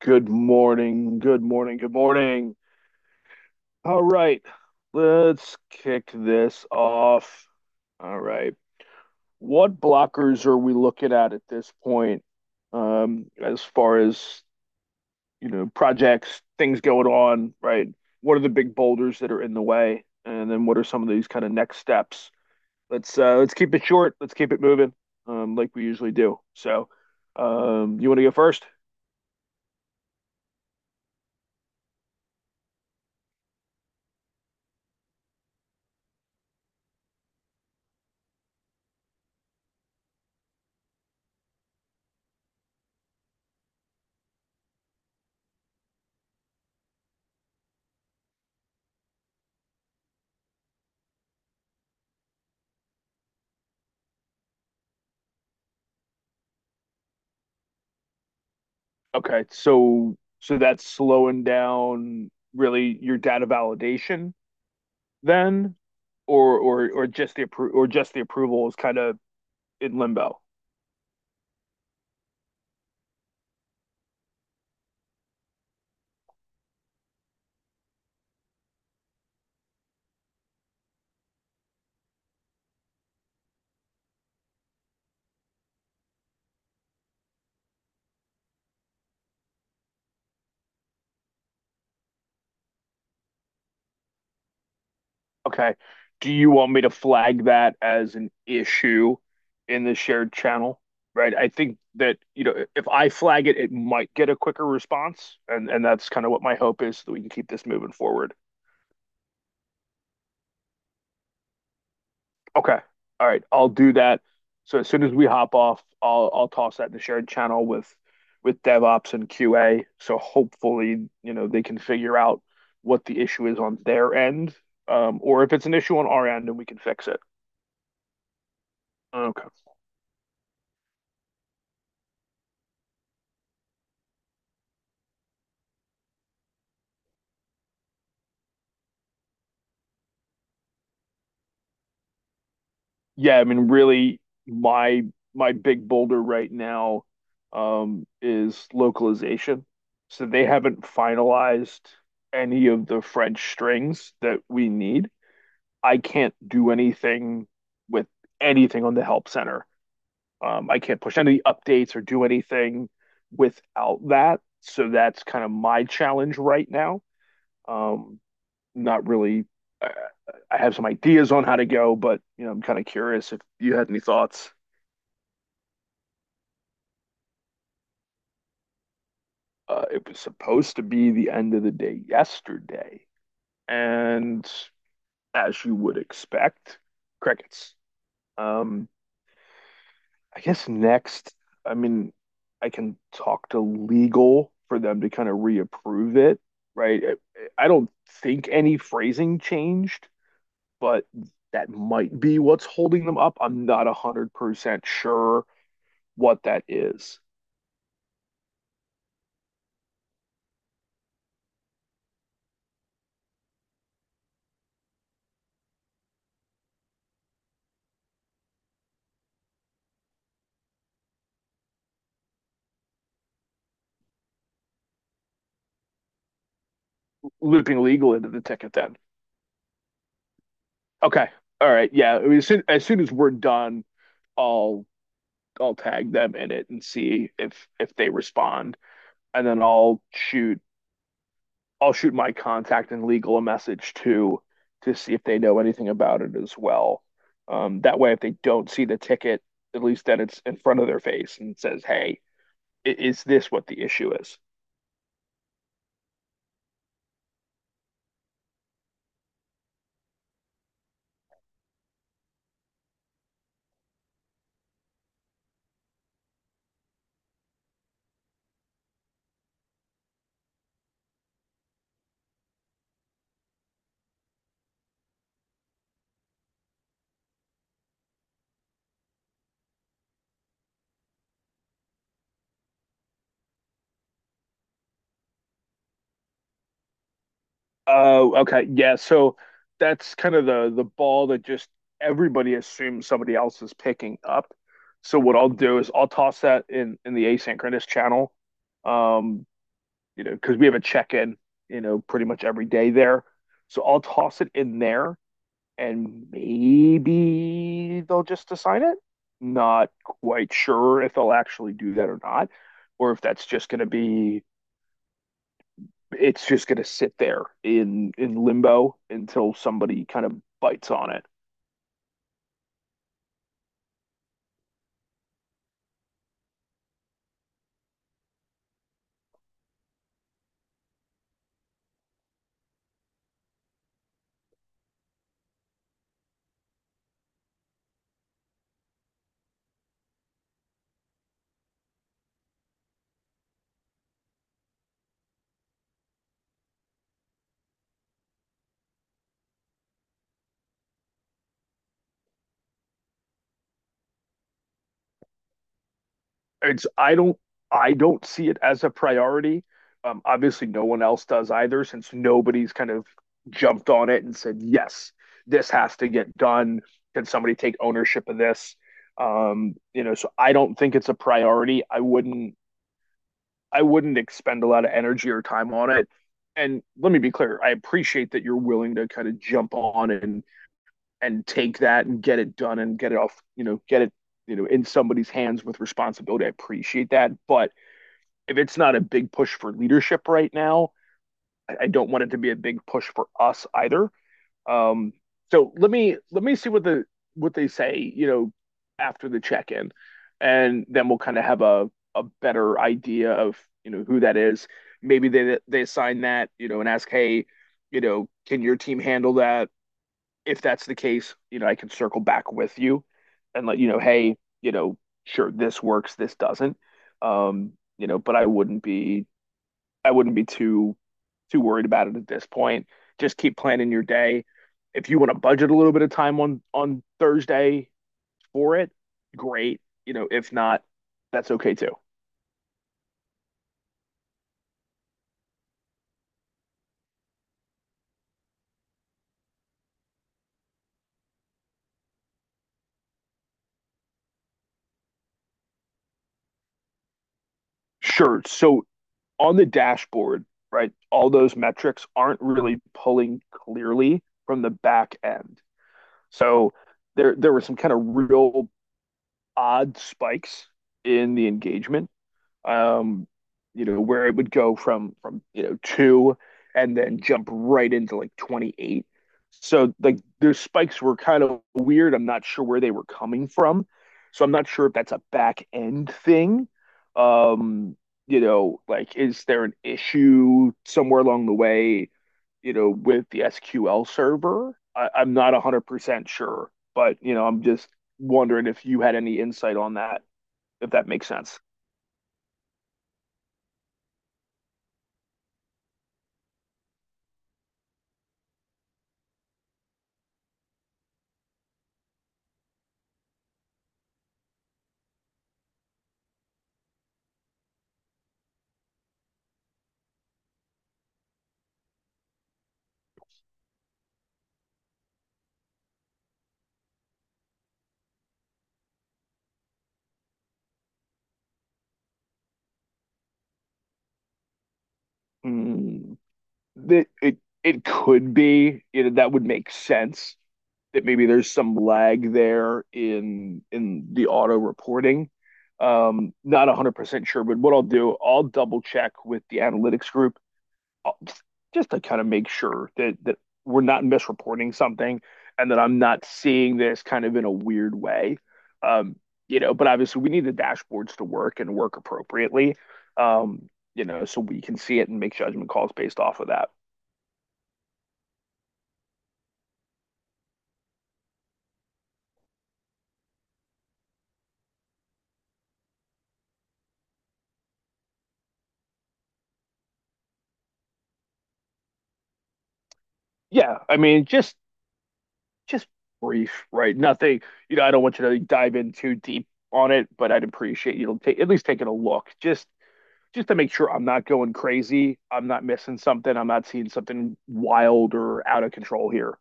Good morning. Good morning. Good morning. All right. Let's kick this off. All right. What blockers are we looking at this point? As far as, projects, things going on, right? What are the big boulders that are in the way? And then what are some of these kind of next steps? Let's keep it short. Let's keep it moving, like we usually do. So, you want to go first? Okay, so that's slowing down really your data validation then, or just the approval is kind of in limbo. Okay. Do you want me to flag that as an issue in the shared channel? Right. I think that, you know, if I flag it, it might get a quicker response. And that's kind of what my hope is so that we can keep this moving forward. Okay. All right. I'll do that. So as soon as we hop off, I'll toss that in the shared channel with DevOps and QA. So hopefully, you know, they can figure out what the issue is on their end, or if it's an issue on our end and we can fix it. Okay. Yeah, I mean, really, my my big boulder right now is localization. So they haven't finalized any of the French strings that we need. I can't do anything with anything on the help center. I can't push any updates or do anything without that. So that's kind of my challenge right now. Um, not really. Uh, I have some ideas on how to go, but you know, I'm kind of curious if you had any thoughts. It was supposed to be the end of the day yesterday, and as you would expect, crickets. Um, I guess next, I mean, I can talk to legal for them to kind of reapprove it, right? I don't think any phrasing changed, but that might be what's holding them up. I'm not 100% sure what that is. Looping legal into the ticket then. Okay. All right. Yeah. I mean, as soon as we're done, I'll I'll tag them in it and see if they respond. And then I'll shoot my contact in legal a message too to see if they know anything about it as well. That way, if they don't see the ticket, at least then it's in front of their face and says, "Hey, is this what the issue is?" Oh, okay, yeah. So that's kind of the ball that just everybody assumes somebody else is picking up. So what I'll do is I'll toss that in the asynchronous channel, um, you know, because we have a check in, you know, pretty much every day there. So I'll toss it in there and maybe they'll just assign it. Not quite sure if they'll actually do that or not, or if that's just going to be it's just going to sit there in limbo until somebody kind of bites on it. It's I don't see it as a priority. Obviously, no one else does either, since nobody's kind of jumped on it and said, "Yes, this has to get done." Can somebody take ownership of this? You know, so I don't think it's a priority. I wouldn't expend a lot of energy or time on it. And let me be clear, I appreciate that you're willing to kind of jump on and take that and get it done and get it off, you know, get it, you know, in somebody's hands with responsibility. I appreciate that, but if it's not a big push for leadership right now, I don't want it to be a big push for us either. Um, so let me see what the what they say, you know, after the check in, and then we'll kind of have a better idea of you know who that is. Maybe they assign that you know and ask, hey, you know, can your team handle that? If that's the case, you know, I can circle back with you and let you know, hey, you know, sure this works, this doesn't. Um, you know, but I wouldn't be too worried about it at this point. Just keep planning your day. If you want to budget a little bit of time on Thursday for it, great. You know, if not, that's okay too. Sure. So on the dashboard, right, all those metrics aren't really pulling clearly from the back end. So there were some kind of real odd spikes in the engagement um, you know, where it would go from you know two and then jump right into like 28. So like those spikes were kind of weird. I'm not sure where they were coming from. So I'm not sure if that's a back end thing. Um, you know, like is there an issue somewhere along the way, you know, with the SQL server? I'm not 100% sure, but you know, I'm just wondering if you had any insight on that, if that makes sense. Mm, that it could be, you know, that would make sense that maybe there's some lag there in the auto reporting. Not 100% sure, but what I'll do, I'll double check with the analytics group just just to kind of make sure that we're not misreporting something and that I'm not seeing this kind of in a weird way. Um, you know, but obviously we need the dashboards to work and work appropriately. Um, you know, so we can see it and make judgment calls based off of that. Yeah, I mean, just brief, right? Nothing, you know, I don't want you to dive in too deep on it, but I'd appreciate you to take at least taking a look, just to make sure I'm not going crazy, I'm not missing something, I'm not seeing something wild or out of control here.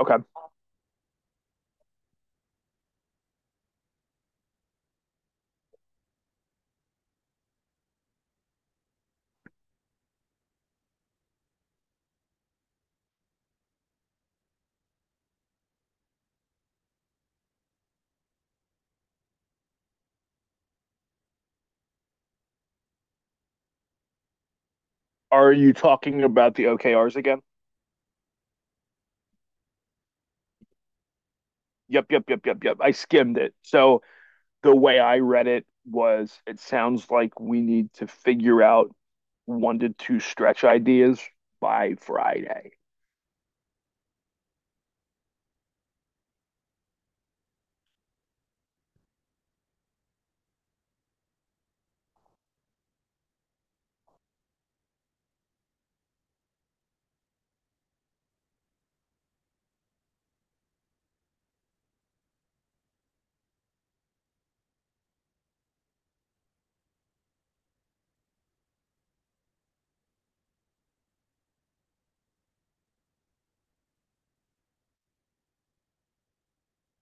Okay. Are you talking about the OKRs again? Yep. I skimmed it. So the way I read it was it sounds like we need to figure out one to two stretch ideas by Friday.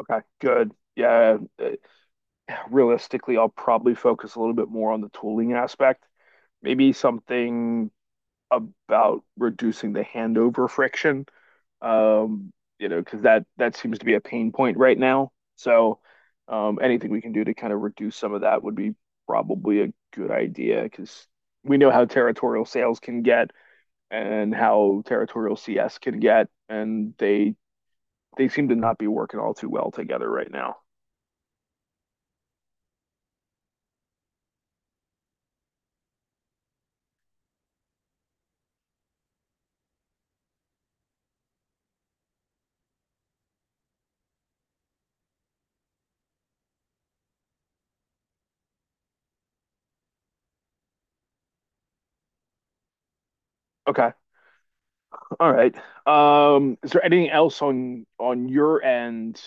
Okay, good. Yeah, realistically, I'll probably focus a little bit more on the tooling aspect. Maybe something about reducing the handover friction. Um, you know, because that seems to be a pain point right now. So, anything we can do to kind of reduce some of that would be probably a good idea because we know how territorial sales can get and how territorial CS can get, and they seem to not be working all too well together right now. Okay. All right. Is there anything else on your end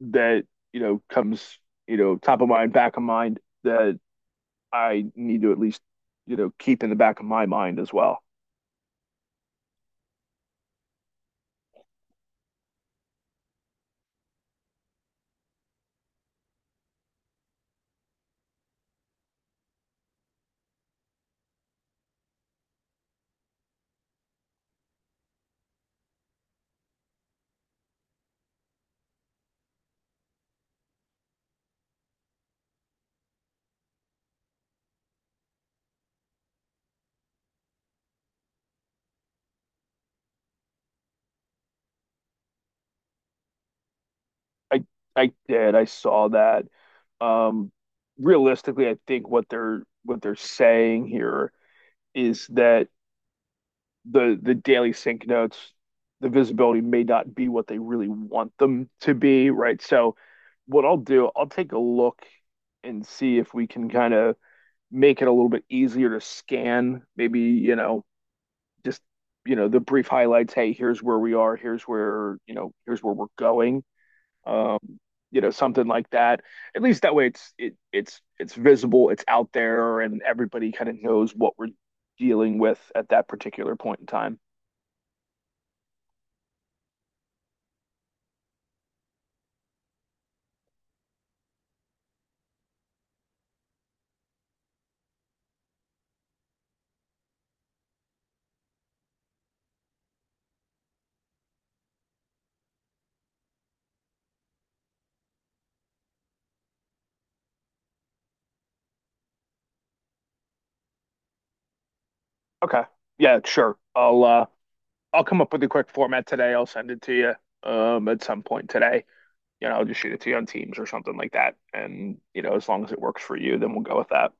that, you know, comes, you know, top of mind, back of mind that I need to at least, you know, keep in the back of my mind as well? I I did. I saw that. Um, realistically, I think what they're saying here is that the daily sync notes, the visibility may not be what they really want them to be, right? So what I'll do, I'll take a look and see if we can kind of make it a little bit easier to scan. Maybe, you know, just, you know, the brief highlights. Hey, here's where we are. Here's where, you know, here's where we're going. Um, you know, something like that. At least that way it's visible, it's out there, and everybody kind of knows what we're dealing with at that particular point in time. Okay. Yeah, sure. I'll come up with a quick format today. I'll send it to you at some point today. You know, just shoot it to you on Teams or something like that. And, you know, as long as it works for you, then we'll go with that.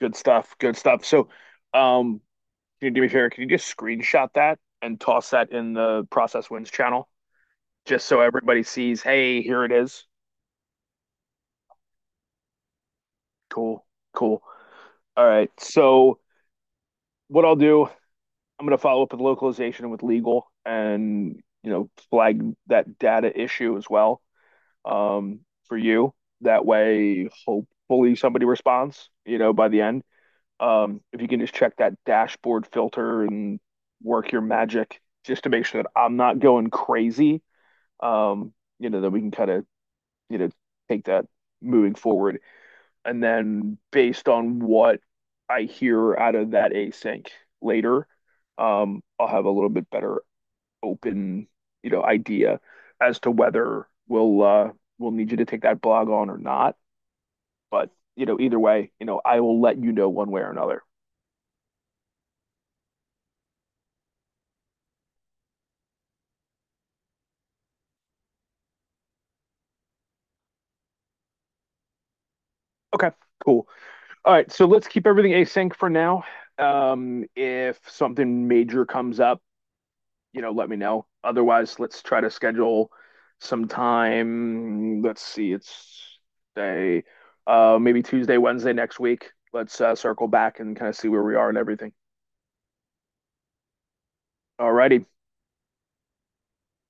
Good stuff. Good stuff. So, um, can you do me a favor? Can you just screenshot that and toss that in the Process Wins channel just so everybody sees, hey, here it is. Cool. Cool. All right. So, what I'll do, I'm going to follow up with localization and with legal and, you know, flag that data issue as well for you. That way, hopefully somebody responds, you know, by the end. If you can just check that dashboard filter and work your magic just to make sure that I'm not going crazy, um, you know, then we can kind of, you know, take that moving forward. And then based on what I hear out of that async later, I'll have a little bit better open, you know, idea as to whether we'll need you to take that blog on or not. But you know, either way, you know, I will let you know one way or another. Okay, cool. All right, so let's keep everything async for now. If something major comes up, you know, let me know. Otherwise, let's try to schedule some time. Let's see, it's day, maybe Tuesday, Wednesday next week. Let's circle back and kind of see where we are and everything. All righty.